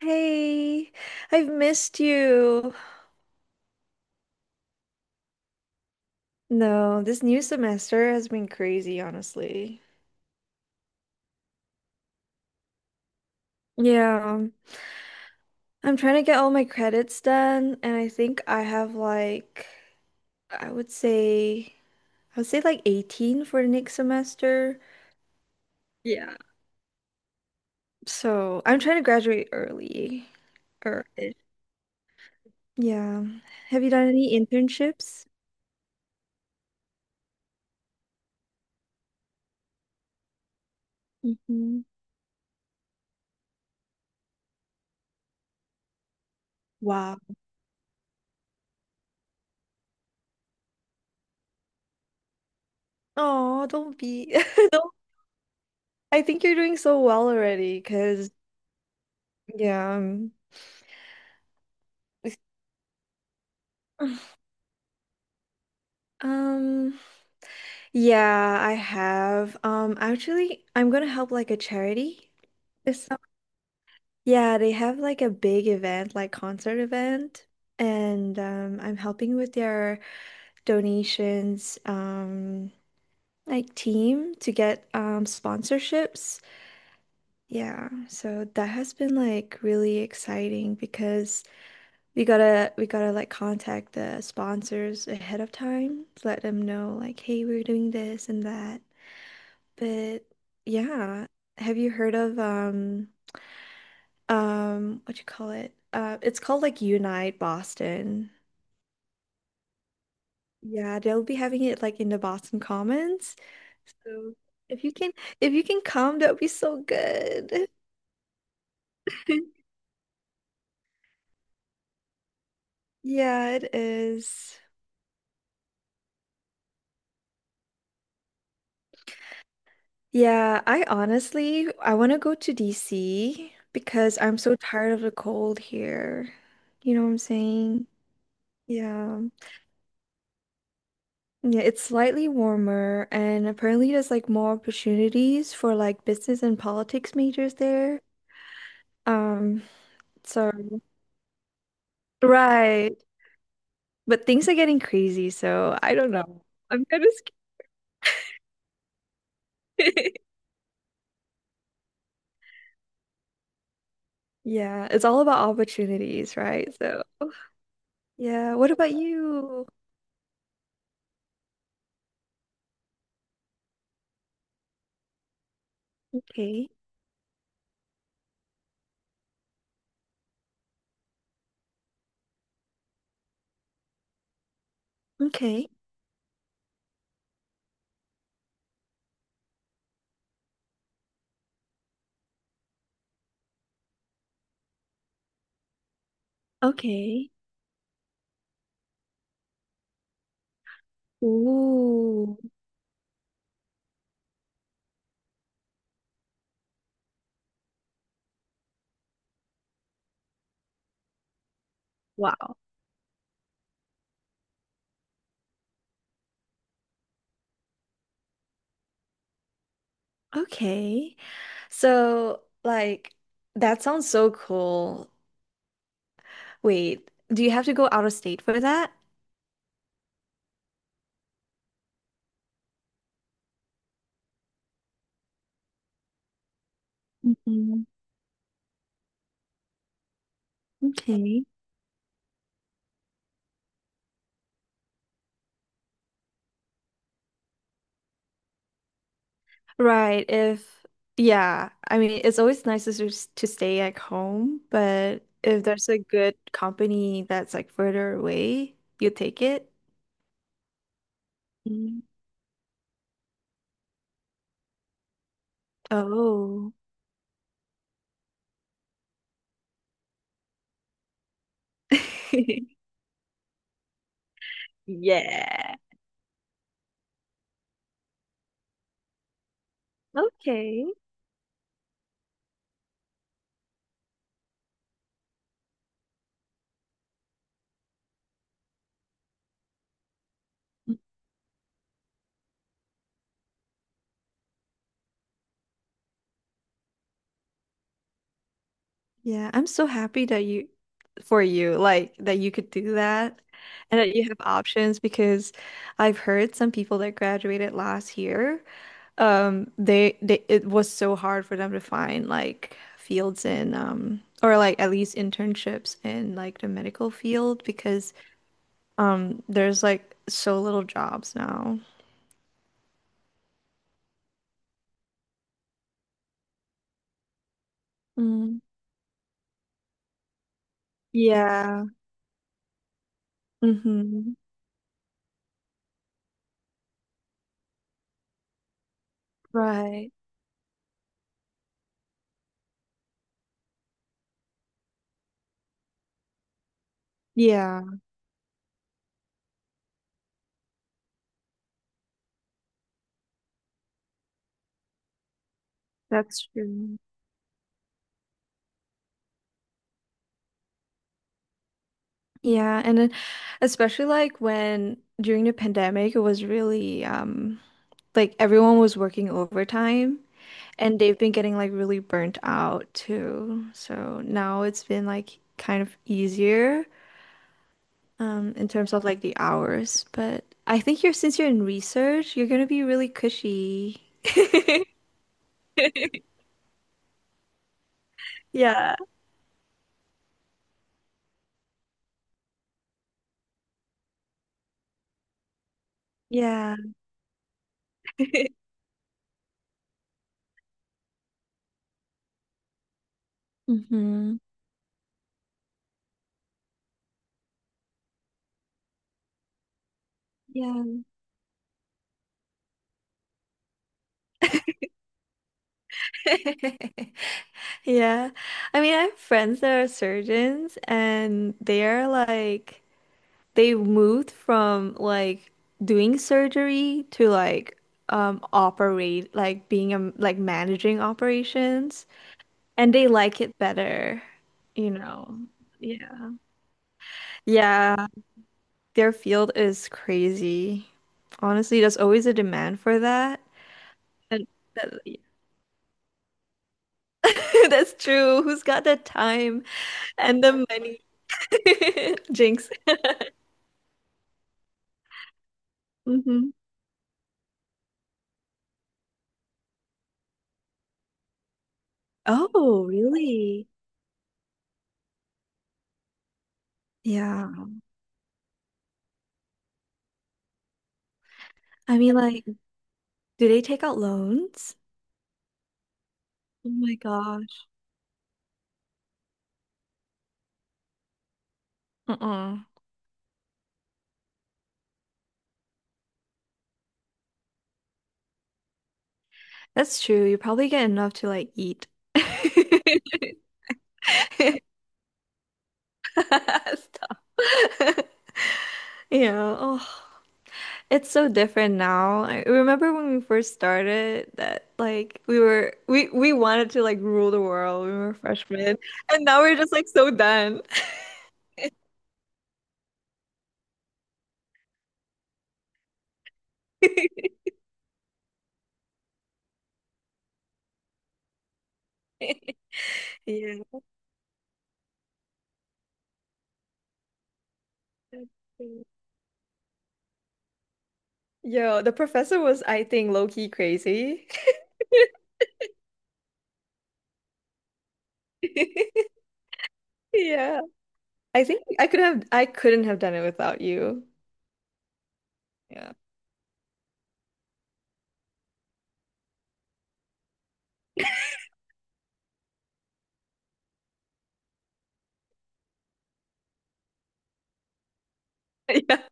Hey, I've missed you. No, this new semester has been crazy, honestly. Yeah, I'm trying to get all my credits done, and I think I have like, I would say, I would say like 18 for the next semester. Yeah. So I'm trying to graduate early. Or, yeah. Have you done any internships? Mhm. Wow. Oh, don't be. Don't. I think you're doing so well already. Yeah. Um, yeah, I have. Actually, I'm gonna help like a charity this summer. Yeah, they have like a big event, like concert event, and I'm helping with their donations, like team to get sponsorships. Yeah, so that has been like really exciting because we gotta like contact the sponsors ahead of time to let them know like, hey, we're doing this and that. But yeah, have you heard of what you call it? It's called like Unite Boston. Yeah, they'll be having it like in the Boston Commons. So if you can if you can come, that would be so good. Yeah, it is. Yeah, I honestly I want to go to DC because I'm so tired of the cold here. You know what I'm saying? Yeah. Yeah, it's slightly warmer and apparently there's like more opportunities for like business and politics majors there. Um, so right. But things are getting crazy, so I don't know. I'm kind of scared. Yeah, it's all about opportunities, right? So, yeah, what about you? Okay. Okay. Okay. Ooh, wow. Okay. So, like, that sounds so cool. Wait, do you have to go out of state for that? Mhm. Okay. Right, if Yeah, I mean, it's always nicer to to stay at home, but if there's a good company that's like further away, you take it. Mm. Oh. Yeah. Okay. Yeah, I'm so happy that you for you, like that you could do that and that you have options because I've heard some people that graduated last year, they it was so hard for them to find like fields in or like at least internships in like the medical field because there's like so little jobs now. Mm. Yeah. Mm-hmm. Right. Yeah, that's true. Yeah, and then especially like when during the pandemic, it was really like everyone was working overtime and they've been getting like really burnt out too. So now it's been like kind of easier in terms of like the hours, but I think you're since you're in research, you're gonna be really cushy. Yeah. Yeah. Mm-hmm. Yeah. Yeah. I mean, I have friends that are surgeons and they are like they moved from like doing surgery to like operate like being a like managing operations and they like it better, you know. Yeah. Yeah, their field is crazy. Honestly, there's always a demand for that. And that, that's true. Who's got the time and the money? Jinx. Hmm. Oh, really? Yeah. I mean, like, do they take out loans? Oh my gosh. Uh-uh. That's true. You probably get enough to like eat. Stop. Yeah. Oh, it's so different now. I remember when we first started that like we were we wanted to like rule the world. We were freshmen, and now we're just like so done. Yeah. Yo, the professor was, I think, low-key crazy. Yeah. I couldn't have done it without you. Yeah. Yeah.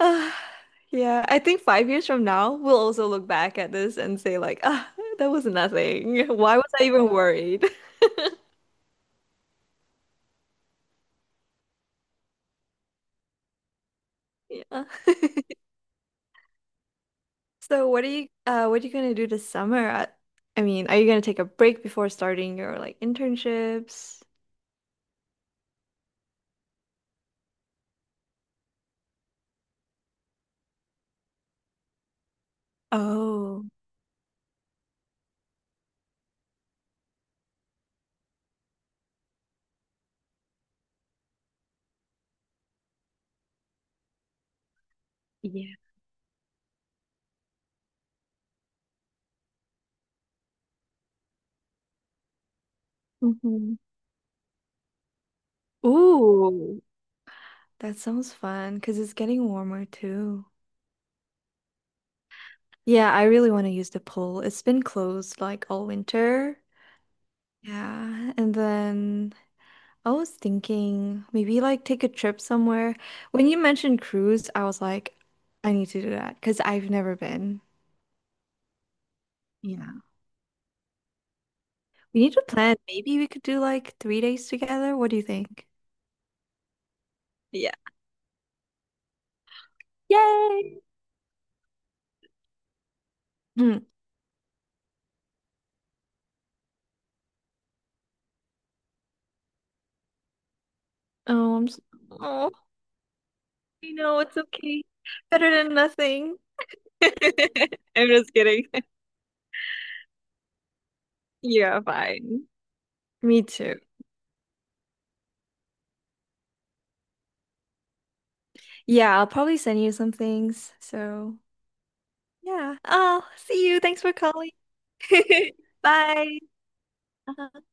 Ah, yeah. I think 5 years from now, we'll also look back at this and say like, ah, that was nothing. Why was I even worried? Yeah. So what are you gonna do this summer? I mean, are you gonna take a break before starting your like internships? Oh, yeah. Hmm. Ooh, that sounds fun because it's getting warmer too. Yeah, I really want to use the pool. It's been closed like all winter. Yeah, and then I was thinking maybe like take a trip somewhere. When you mentioned cruise, I was like, I need to do that because I've never been. Yeah. We need to plan. Maybe we could do like 3 days together. What do you think? Yeah. Yay! Hmm. Oh, I'm s oh, I know it's okay. Better than nothing. I'm just kidding. Yeah, fine. Me too. Yeah, I'll probably send you some things. So yeah. Oh, see you. Thanks for calling. Bye. Uh-huh.